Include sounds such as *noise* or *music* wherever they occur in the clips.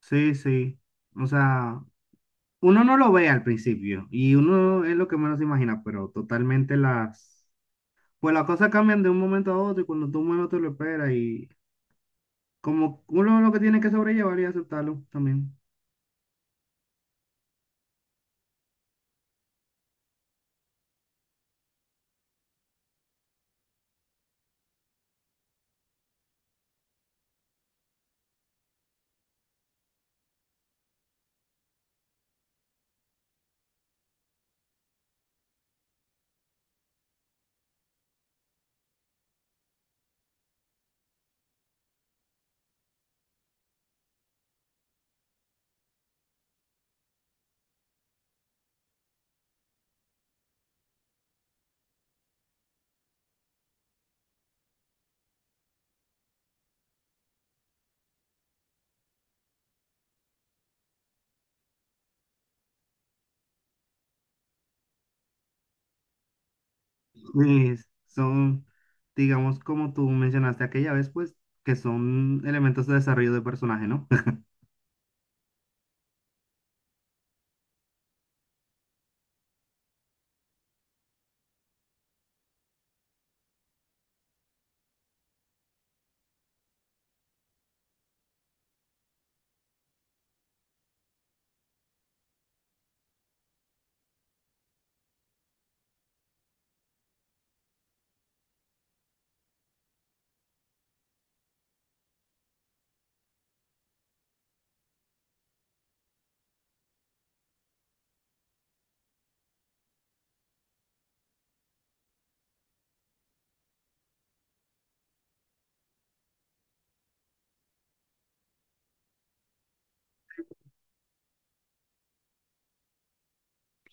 Sí, sí. O sea, uno no lo ve al principio y uno es lo que menos se imagina, pero totalmente las... Pues las cosas cambian de un momento a otro y cuando tú menos te lo esperas y como uno lo que tiene que sobrellevar y aceptarlo también. Sí, son, digamos, como tú mencionaste aquella vez, pues que son elementos de desarrollo de personaje, ¿no? *laughs*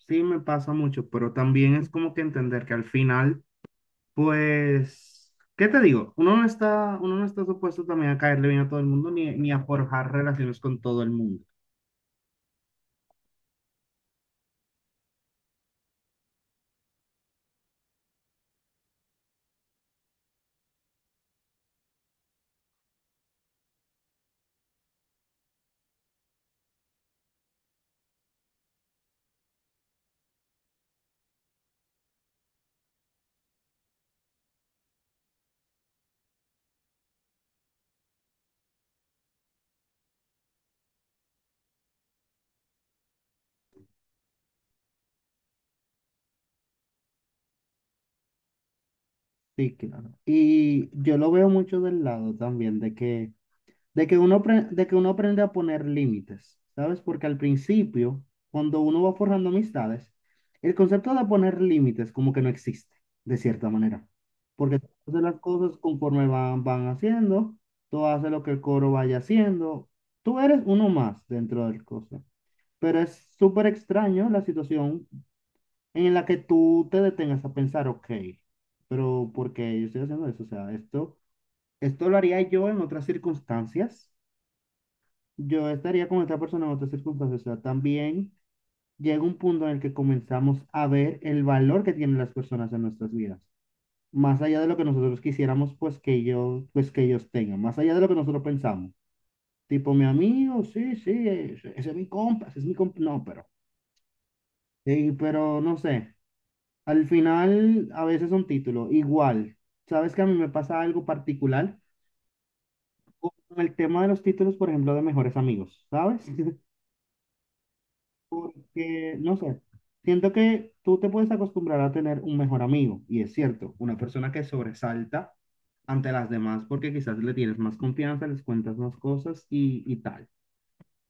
Sí, me pasa mucho, pero también es como que entender que al final... Pues, ¿qué te digo? Uno no está supuesto también a caerle bien a todo el mundo ni a forjar relaciones con todo el mundo. Sí, claro. Y yo lo veo mucho del lado también de que uno aprende a poner límites, ¿sabes? Porque al principio, cuando uno va forjando amistades, el concepto de poner límites como que no existe, de cierta manera. Porque tú haces las cosas conforme van haciendo, tú haces lo que el coro vaya haciendo, tú eres uno más dentro del cosa. Pero es súper extraño la situación en la que tú te detengas a pensar, ok, pero ¿por qué yo estoy haciendo eso? O sea, esto lo haría yo en otras circunstancias. Yo estaría con esta persona en otras circunstancias. O sea, también llega un punto en el que comenzamos a ver el valor que tienen las personas en nuestras vidas. Más allá de lo que nosotros quisiéramos, pues que ellos tengan. Más allá de lo que nosotros pensamos. Tipo, mi amigo, sí, sí, ese es mi compa, ese es mi compa. No, pero, sí, pero no sé. Al final, a veces un título, igual. ¿Sabes que a mí me pasa algo particular con el tema de los títulos, por ejemplo, de mejores amigos? ¿Sabes? *laughs* Que, no sé, siento que tú te puedes acostumbrar a tener un mejor amigo, y es cierto, una persona que sobresalta ante las demás porque quizás le tienes más confianza, les cuentas más cosas y tal.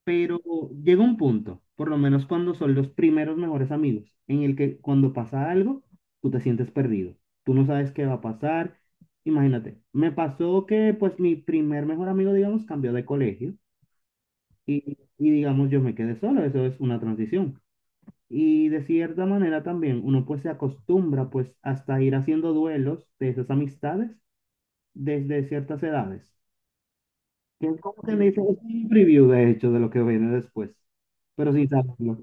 Pero llega un punto, por lo menos cuando son los primeros mejores amigos, en el que cuando pasa algo, tú te sientes perdido. Tú no sabes qué va a pasar. Imagínate, me pasó que pues mi primer mejor amigo, digamos, cambió de colegio y digamos yo me quedé solo. Eso es una transición. Y de cierta manera también uno pues se acostumbra pues hasta ir haciendo duelos de esas amistades desde ciertas edades. Que es como que me dice, es un preview de hecho de lo que viene después, pero sin saberlo.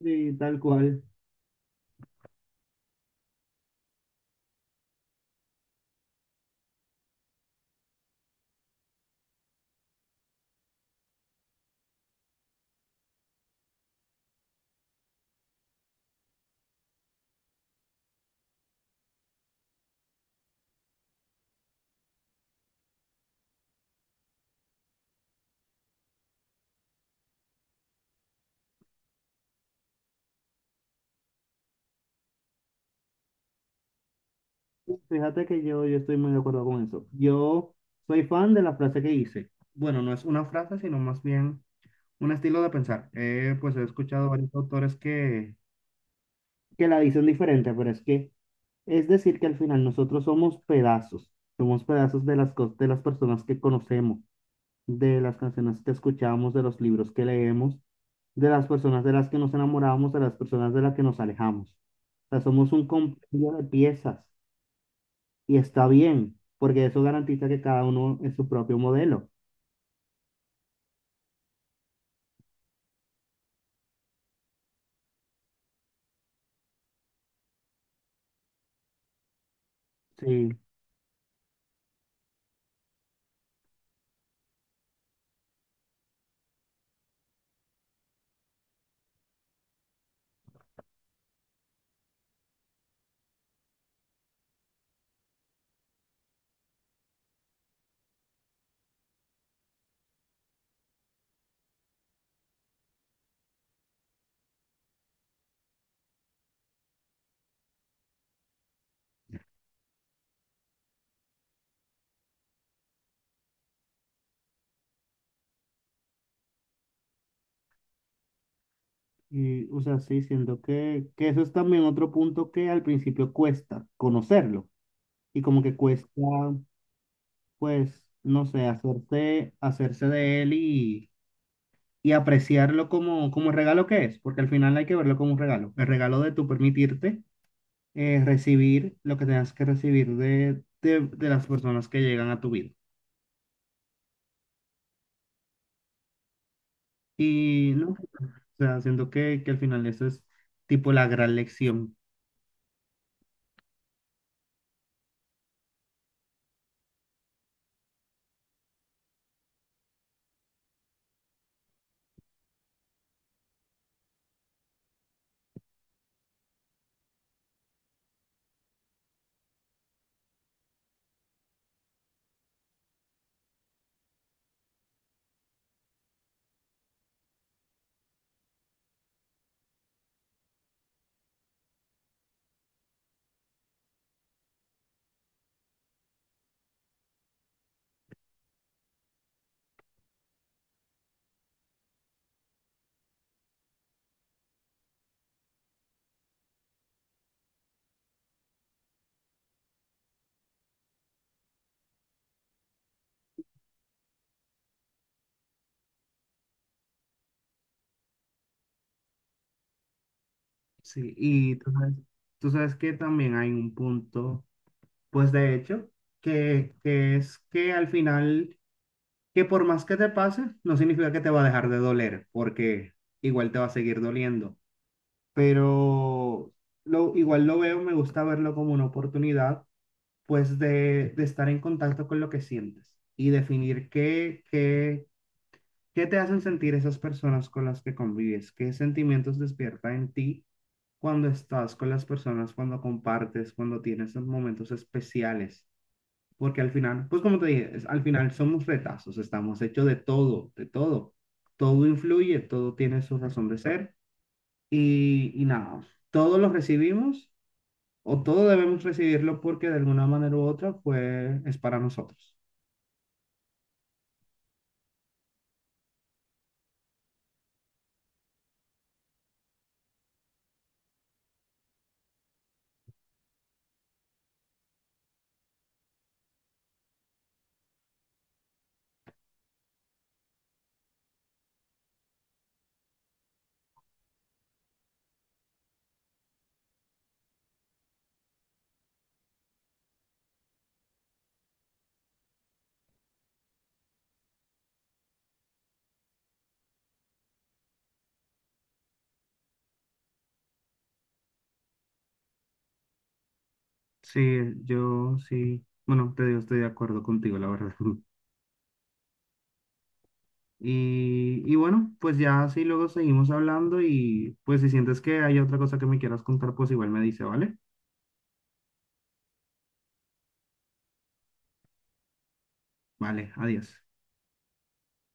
Sí, tal cual. Fíjate que yo estoy muy de acuerdo con eso. Yo soy fan de la frase que hice. Bueno, no es una frase, sino más bien un estilo de pensar. Pues he escuchado varios autores que la dicen diferente, pero es que es decir que al final nosotros somos pedazos. Somos pedazos de las personas que conocemos, de las canciones que escuchamos, de los libros que leemos, de las personas de las que nos enamoramos, de las personas de las que nos alejamos. O sea, somos un compendio de piezas. Y está bien, porque eso garantiza que cada uno es su propio modelo. Sí, y, o sea, sí, siento que eso es también otro punto que al principio cuesta conocerlo y como que cuesta, pues, no sé, hacerse de él y apreciarlo como, como el regalo que es, porque al final hay que verlo como un regalo, el regalo de tu permitirte recibir lo que tengas que recibir de las personas que llegan a tu vida. Y no. O sea, siento que al final eso es tipo la gran lección. Sí, y tú sabes que también hay un punto, pues de hecho, que es que al final, que por más que te pase, no significa que te va a dejar de doler, porque igual te va a seguir doliendo. Pero lo, igual lo veo, me gusta verlo como una oportunidad, pues de estar en contacto con lo que sientes y definir qué. ¿Qué te hacen sentir esas personas con las que convives? ¿Qué sentimientos despierta en ti cuando estás con las personas, cuando compartes, cuando tienes esos momentos especiales? Porque al final, pues como te dije, es- al final somos retazos, estamos hechos de todo, de todo. Todo influye, todo tiene su razón de ser y nada, todo lo recibimos o todo debemos recibirlo porque de alguna manera u otra pues es para nosotros. Sí, yo sí, bueno, te digo, estoy de acuerdo contigo, la verdad. *laughs* Y, y bueno, pues ya así luego seguimos hablando y pues si sientes que hay otra cosa que me quieras contar, pues igual me dice, ¿vale? Vale, adiós.